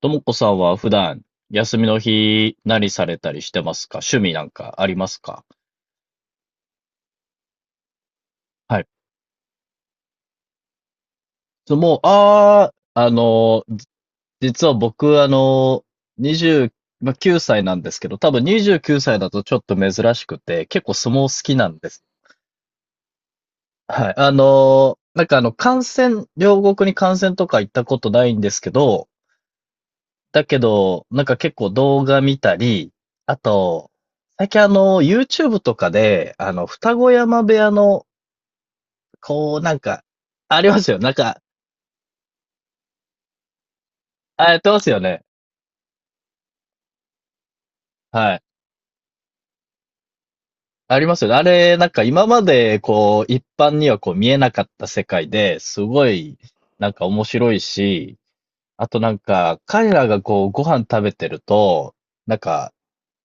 ともこさんは普段、休みの日、何されたりしてますか？趣味なんかありますか？はい。そもう、ああ、実は僕、20、まあ、9歳なんですけど、多分29歳だとちょっと珍しくて、結構相撲好きなんです。はい。観戦、両国に観戦とか行ったことないんですけど、だけど、なんか結構動画見たり、あと、最近、YouTube とかで、二子山部屋のこう、なんか、ありますよ。あ、やってますよね。はい。ありますよね。あれ、なんか今まで、こう、一般にはこう見えなかった世界で、すごい、なんか面白いし、あとなんか、彼らがこう、ご飯食べてると、なんか、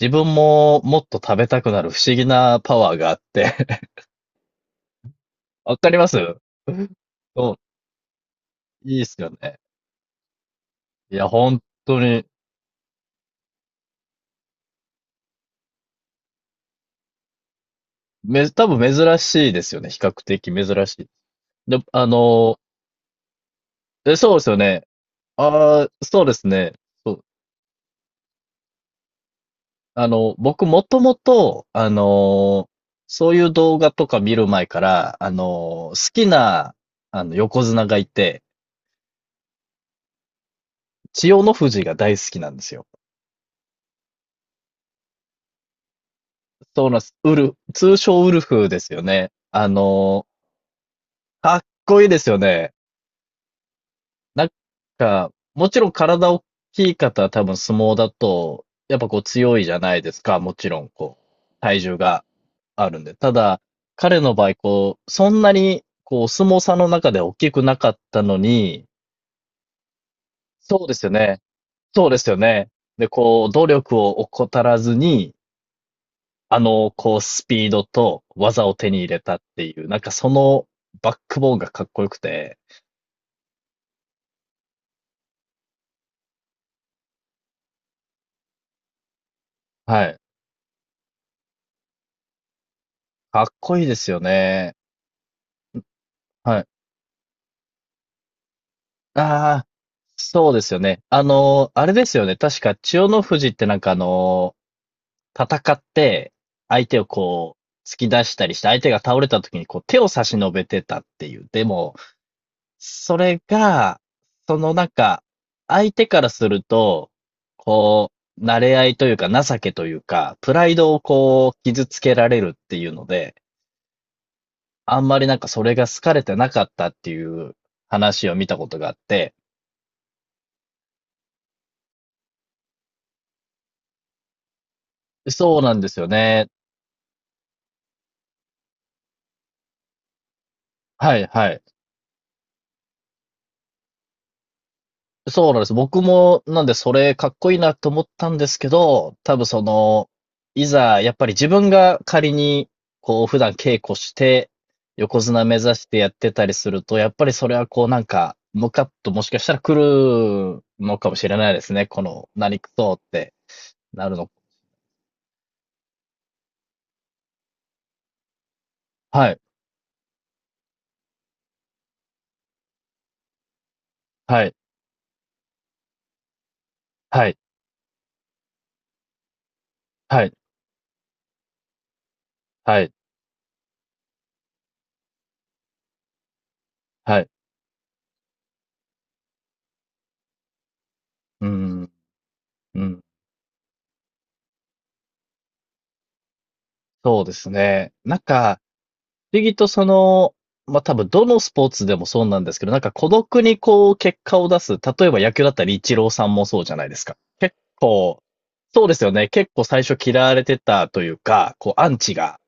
自分ももっと食べたくなる不思議なパワーがあって わかります。そう、いいっすよね。いや、本当に、め、多分珍しいですよね。比較的珍しい。で、え、そうですよね。ああ、そうですね。そう。僕もともと、そういう動画とか見る前から、好きな、横綱がいて、千代の富士が大好きなんですよ。そうなんです。ウル、通称ウルフですよね。かっこいいですよね。なんもちろん体大きい方は多分相撲だと、やっぱこう強いじゃないですか。もちろん、こう、体重が。あるんで。ただ、彼の場合、こう、そんなに、こう、お相撲さんの中で大きくなかったのに、そうですよね。そうですよね。で、こう、努力を怠らずに、こう、スピードと技を手に入れたっていう、なんかそのバックボーンがかっこよくて、はい。かっこいいですよね。はい。ああ、そうですよね。あの、あれですよね。確か、千代の富士ってなんか戦って、相手をこう、突き出したりして、相手が倒れた時にこう、手を差し伸べてたっていう。でも、それが、そのなんか、相手からすると、こう、慣れ合いというか、情けというか、プライドをこう、傷つけられるっていうので、あんまりなんかそれが好かれてなかったっていう話を見たことがあって、そうなんですよね。はいはい。そうなんです。僕も、なんでそれかっこいいなと思ったんですけど、多分その、いざ、やっぱり自分が仮に、こう、普段稽古して、横綱目指してやってたりすると、やっぱりそれはこう、なんか、ムカッともしかしたら来るのかもしれないですね。この、何くそってなるの。はい、はい、はい、はい、はい、はい。うん、うん。そうですね。不思議とその、まあ、多分どのスポーツでもそうなんですけど、なんか孤独にこう結果を出す、例えば野球だったらイチローさんもそうじゃないですか。結構、そうですよね。結構最初嫌われてたというか、こうアンチが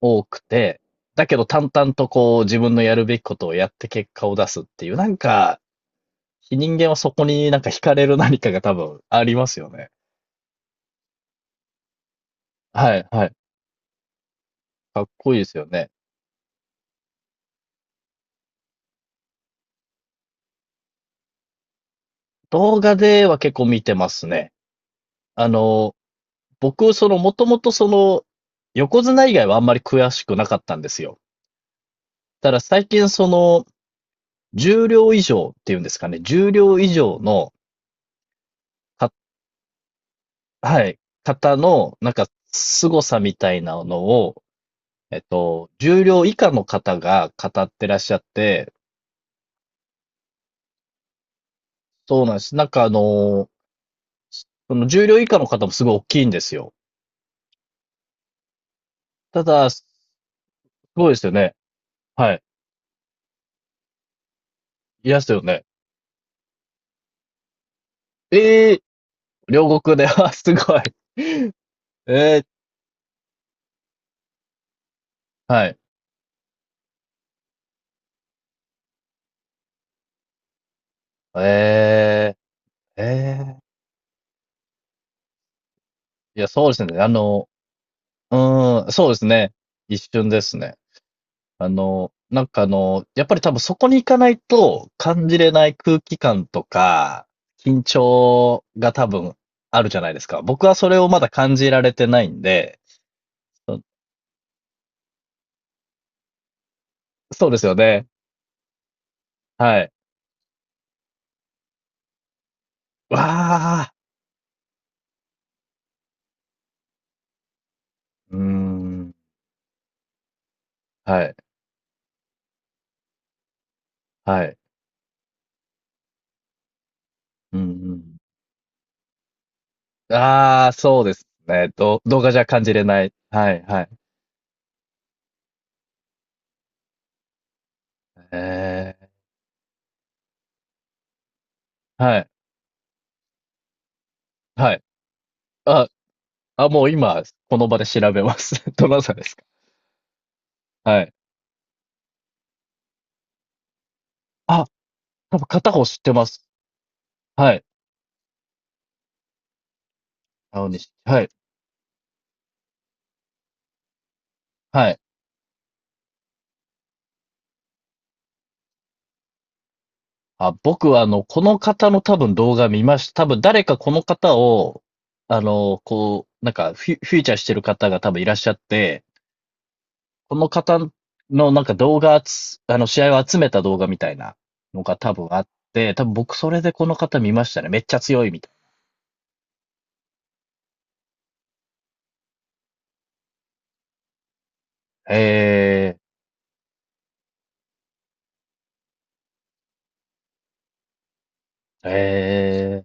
多くて、だけど淡々とこう自分のやるべきことをやって結果を出すっていう、なんか人間はそこになんか惹かれる何かが多分ありますよね。はい、はい。かっこいいですよね。動画では結構見てますね。あの、僕、その、もともとその、横綱以外はあんまり詳しくなかったんですよ。ただ最近その、重量以上っていうんですかね、重量以上の、か、はい、方の、凄さみたいなのを、重量以下の方が語ってらっしゃって、そうなんです。なんかその重量以下の方もすごい大きいんですよ。ただ、すごいですよね。はい。いらっしゃるよね。ええー、両国で、あ、すごい。ええー、はい。ええ、ええ。いや、そうですね。あの、うーん、そうですね。一瞬ですね。やっぱり多分そこに行かないと感じれない空気感とか、緊張が多分あるじゃないですか。僕はそれをまだ感じられてないんで、そそうですよね。はい。わあ、うーん、はい、はい、うん、うん。ああ、そうですね。ど、動画じゃ感じれない。はい、はい。ええ、はい、はい。あ、あ、もう今、この場で調べます。どなたですか？はい。あ、多分片方知ってます。はい。青西。はい。はい。あ、僕はこの方の多分動画見ました。多分誰かこの方を、フィ、フィーチャーしてる方が多分いらっしゃって、この方のなんか動画つ、試合を集めた動画みたいなのが多分あって、多分僕それでこの方見ましたね。めっちゃ強いみたいな。へえー、へえ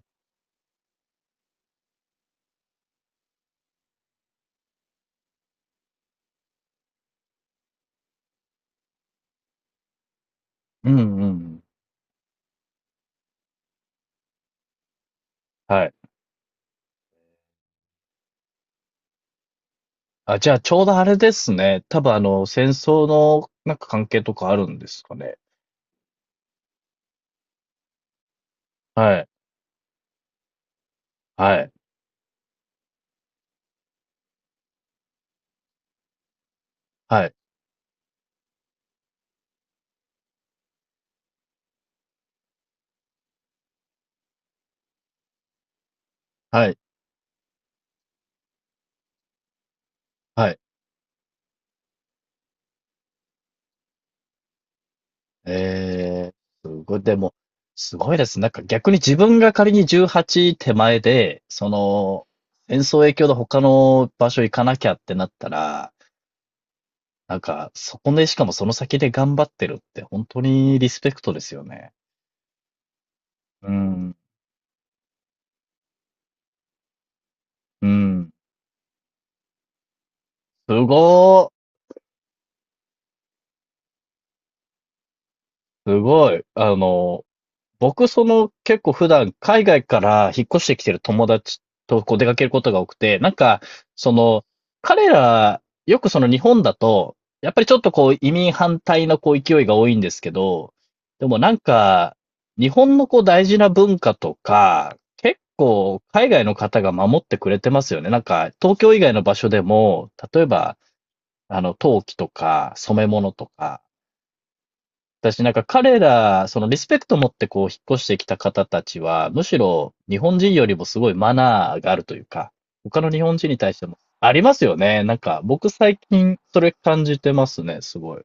ー、うんうんうん。はい。あ、じゃあちょうどあれですね。多分戦争のなんか関係とかあるんですかね。はい。はい。はい。はい。はい。えー、すごい。でも、すごいです。なんか逆に自分が仮に18手前で、その、戦争影響で他の場所行かなきゃってなったら、なんか、そこで、しかもその先で頑張ってるって本当にリスペクトですよね。うん。うん。すごー。すごい。僕、その、結構普段、海外から引っ越してきてる友達とこう出かけることが多くて、その、彼ら、よくその日本だと、やっぱりちょっとこう移民反対のこう勢いが多いんですけど、でも日本のこう大事な文化とか、結構海外の方が守ってくれてますよね。なんか、東京以外の場所でも、例えば、陶器とか染め物とか、私なんか彼ら、そのリスペクト持ってこう引っ越してきた方たちは、むしろ日本人よりもすごいマナーがあるというか、他の日本人に対してもありますよね。なんか僕最近それ感じてますね、すごい。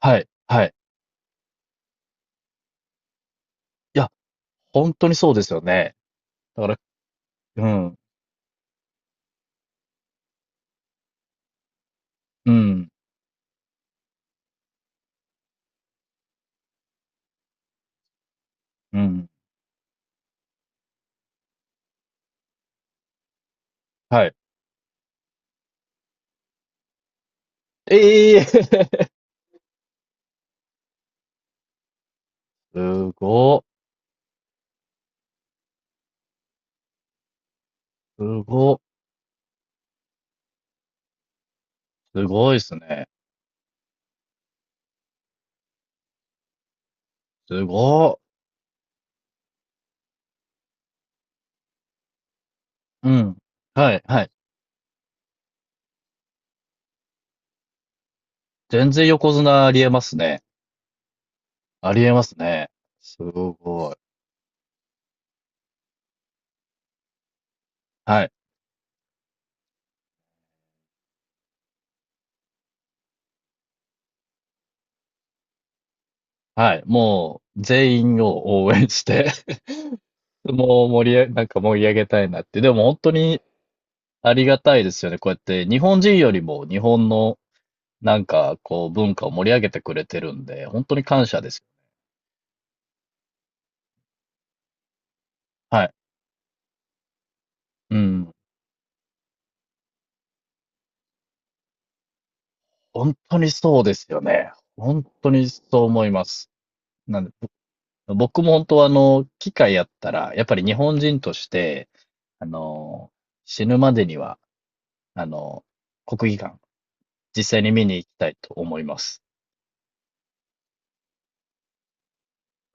はい、はい。いや、本当にそうですよね。だから、うん、うん、うん、はい。ええ すご、すご、すごいですね。すご、うん、はい、はい。全然横綱ありえますね。ありえますね。すごい。はい。はい。もう、全員を応援して もう盛り上げ、なんか盛り上げたいなって。でも本当にありがたいですよね。こうやって日本人よりも日本のなんかこう文化を盛り上げてくれてるんで、本当に感謝です。はい。うん。本当にそうですよね。本当にそう思います。なんで、ぼ僕も本当は機会やったら、やっぱり日本人として、あの、死ぬまでには、あの、国技館、実際に見に行きたいと思います。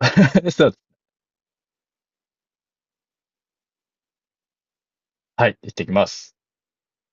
そう、はい、行ってきます。